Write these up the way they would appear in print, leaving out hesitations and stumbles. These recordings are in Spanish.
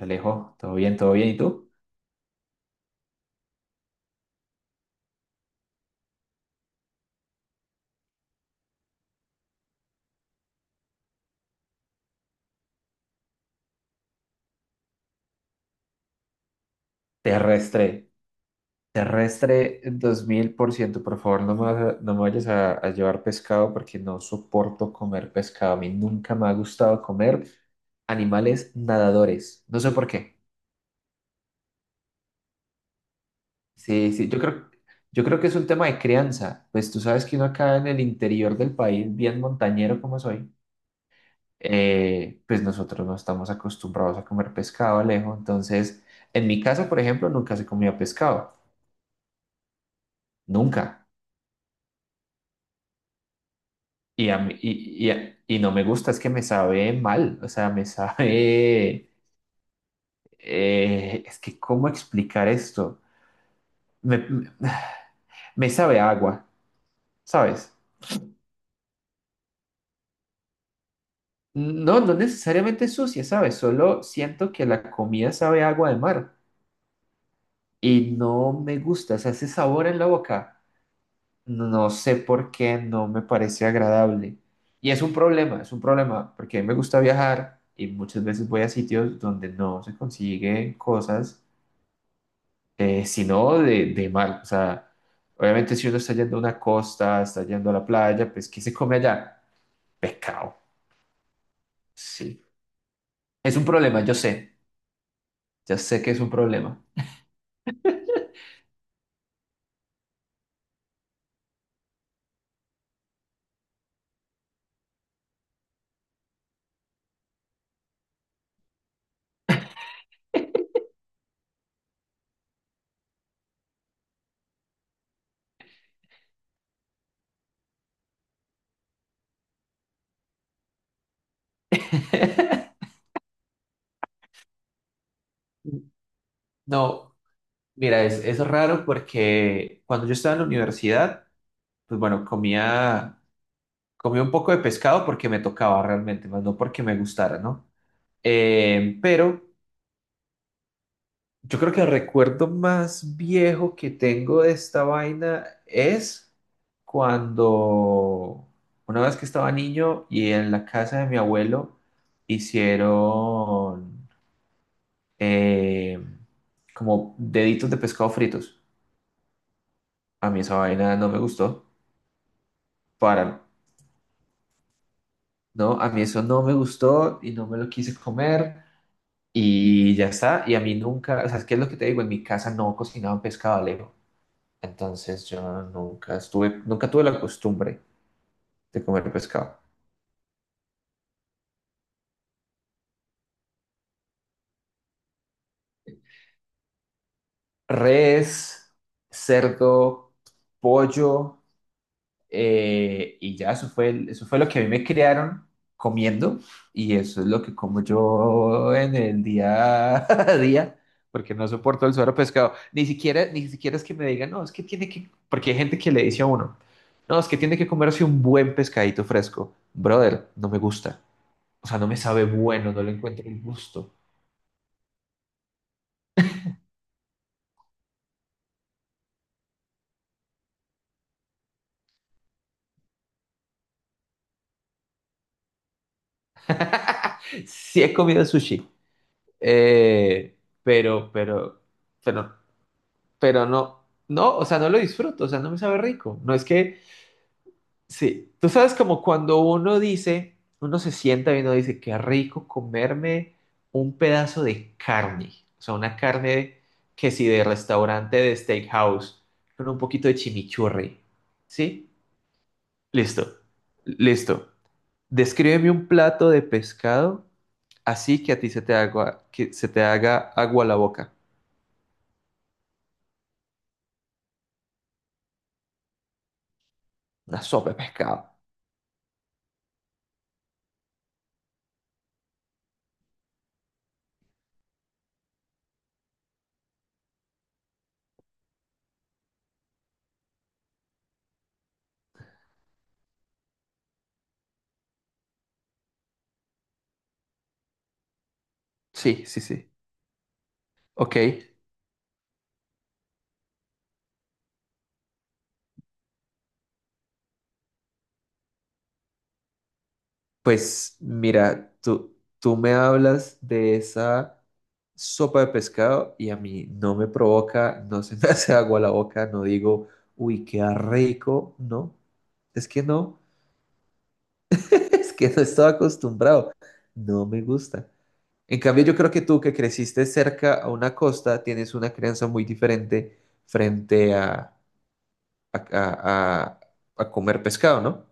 Alejo, todo bien, todo bien. ¿Y tú? Terrestre. Terrestre 2000%. Por ciento. Por favor, no me vayas a llevar pescado porque no soporto comer pescado. A mí nunca me ha gustado comer animales nadadores. No sé por qué. Sí, sí, yo creo que es un tema de crianza. Pues tú sabes que uno acá en el interior del país, bien montañero como soy, pues nosotros no estamos acostumbrados a comer pescado, Alejo. Entonces, en mi casa, por ejemplo, nunca se comía pescado. Nunca. Y, a mí- y- a- y no me gusta, es que me sabe mal, o sea, me sabe, es que ¿cómo explicar esto? Me, me- me sabe a agua, ¿sabes? No, no necesariamente sucia, ¿sabes? Solo siento que la comida sabe a agua de mar y no me gusta, o sea, ese sabor en la boca, no sé por qué, no me parece agradable. Y es un problema, porque a mí me gusta viajar y muchas veces voy a sitios donde no se consiguen cosas sino de mal. O sea, obviamente si uno está yendo a una costa, está yendo a la playa, pues ¿qué se come allá? Pescado. Sí. Es un problema, yo sé. Ya sé que es un problema. No, mira, es raro porque cuando yo estaba en la universidad, pues bueno, comía un poco de pescado porque me tocaba realmente, más no porque me gustara, ¿no? Pero yo creo que el recuerdo más viejo que tengo de esta vaina es cuando una vez que estaba niño y en la casa de mi abuelo hicieron eh, como deditos de pescado fritos. A mí esa vaina no me gustó, para, ¿no? A mí eso no me gustó y no me lo quise comer y ya está. Y a mí nunca, o sea, es que es lo que te digo, en mi casa no cocinaban pescado, Alejo. Entonces yo nunca estuve, nunca tuve la costumbre de comer pescado. Res, cerdo, pollo, y ya eso fue, eso fue lo que a mí me criaron comiendo, y eso es lo que como yo en el día a día, porque no soporto el suero pescado. Ni siquiera, ni siquiera es que me digan, no, es que tiene que, porque hay gente que le dice a uno, no, es que tiene que comerse un buen pescadito fresco. Brother, no me gusta. O sea, no me sabe bueno, no le encuentro el gusto. Sí he comido sushi, eh, pero, pero, pero, pero no, no, o sea, no lo disfruto, o sea, no me sabe rico. No es que, sí, tú sabes, como cuando uno dice, uno se sienta y uno dice, qué rico comerme un pedazo de carne, o sea, una carne, que si de restaurante de steakhouse, con un poquito de chimichurri, ¿sí? Listo, listo. Descríbeme un plato de pescado así que a ti se te haga, que se te haga agua la boca. Una sopa de pescado. Sí, sí, sí. Ok, pues mira, tú me hablas de esa sopa de pescado y a mí no me provoca, no se me hace agua la boca, no digo, uy, qué rico, no. Es que no, es que no estaba acostumbrado, no me gusta. En cambio, yo creo que tú, que creciste cerca a una costa, tienes una crianza muy diferente frente a, a- a- a comer pescado, ¿no?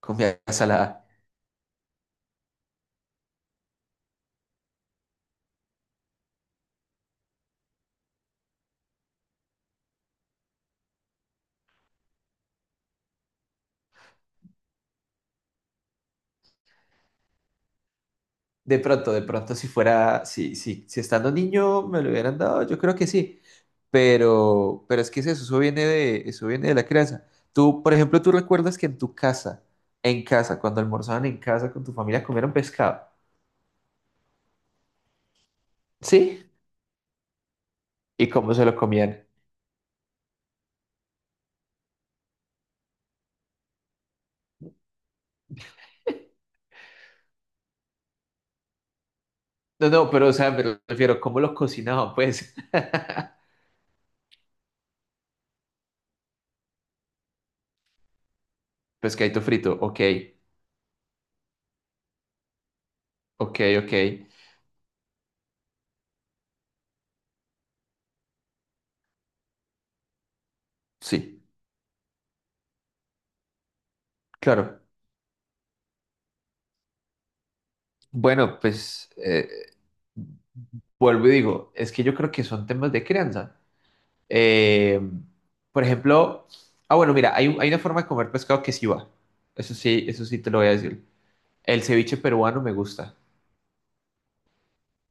Comida salada. De pronto, si fuera, si estando niño me lo hubieran dado, yo creo que sí. Pero es que es eso, eso viene de la crianza. Tú, por ejemplo, tú recuerdas que en tu casa, en casa, cuando almorzaban en casa con tu familia, comieron pescado. ¿Sí? ¿Y cómo se lo comían? No, no, pero, o sea, me refiero, ¿cómo lo cocinaban, pues? Pescadito frito, ok, ok, ok. Sí, claro. Bueno, pues vuelvo y digo, es que yo creo que son temas de crianza. Eh, por ejemplo, ah, bueno, mira, hay una forma de comer pescado que sí va. Eso sí te lo voy a decir. El ceviche peruano me gusta.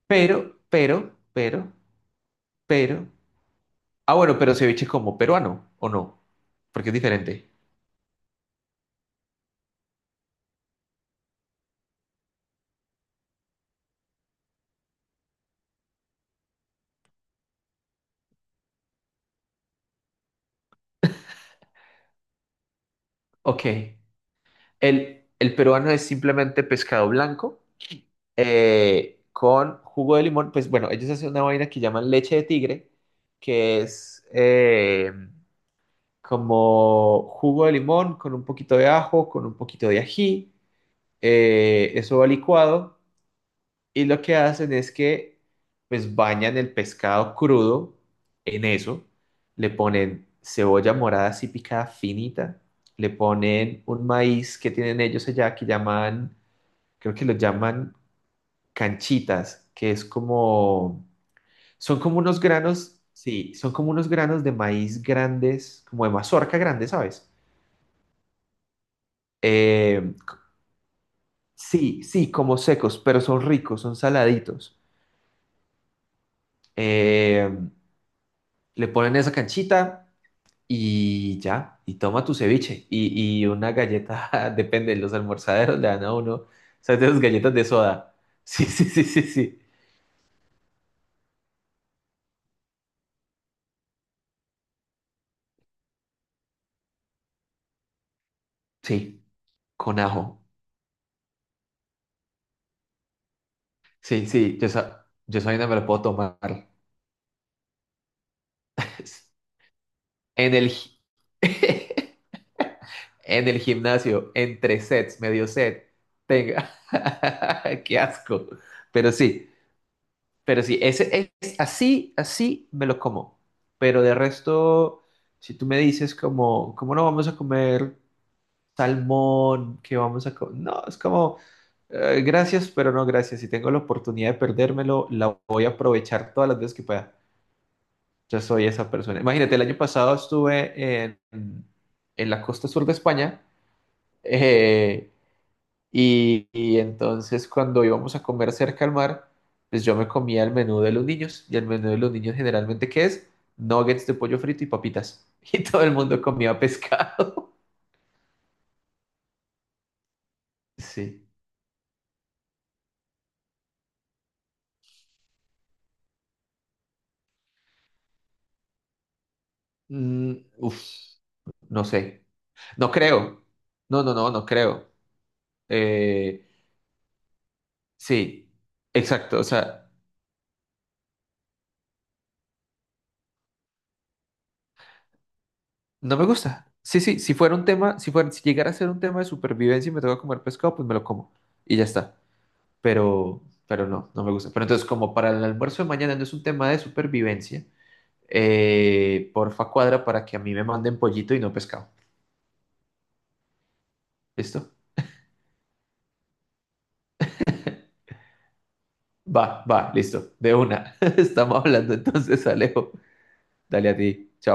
Pero, pero, pero, pero. Ah, bueno, pero ceviche como peruano, ¿o no? Porque es diferente. Ok. El peruano es simplemente pescado blanco, con jugo de limón. Pues bueno, ellos hacen una vaina que llaman leche de tigre, que es como jugo de limón con un poquito de ajo, con un poquito de ají. Eso va licuado y lo que hacen es que pues bañan el pescado crudo en eso. Le ponen cebolla morada así picada finita. Le ponen un maíz que tienen ellos allá que llaman, creo que lo llaman canchitas, que es como, son como unos granos, sí, son como unos granos de maíz grandes, como de mazorca grande, ¿sabes? Eh, sí, sí, como secos, pero son ricos, son saladitos. Eh, le ponen esa canchita y ya, y toma tu ceviche y una galleta, depende, los almorzaderos le dan a uno, ¿sabes? De esas galletas de soda. Sí, sí, sí, sí, sí. Sí, con ajo. Sí, sí, yo soy, no me lo puedo tomar. En el, gi- en el gimnasio, entre sets, medio set, tenga. Qué asco. Pero sí, pero sí, ese es así, así me lo como. Pero de resto, si tú me dices como, ¿cómo no vamos a comer salmón? ¿Qué vamos a comer? No, es como, gracias, pero no gracias. Si tengo la oportunidad de perdérmelo, la voy a aprovechar todas las veces que pueda. Ya soy esa persona. Imagínate, el año pasado estuve en la costa sur de España, eh, y entonces cuando íbamos a comer cerca al mar, pues yo me comía el menú de los niños, y el menú de los niños generalmente ¿qué es? Nuggets de pollo frito y papitas. Y todo el mundo comía pescado. Sí. Mm, uf, no sé. No creo. No, no, no, no creo. Eh, sí, exacto. O sea... No me gusta. Sí, sí, si fuera un tema, si llegara a ser un tema de supervivencia y me toca comer pescado, pues me lo como y ya está. Pero, pero no, no me gusta. Pero entonces, como para el almuerzo de mañana no es un tema de supervivencia, porfa cuadra para que a mí me manden pollito y no pescado. ¿Listo? Va, va, listo. De una. Estamos hablando entonces, Alejo. Dale a ti. Chao.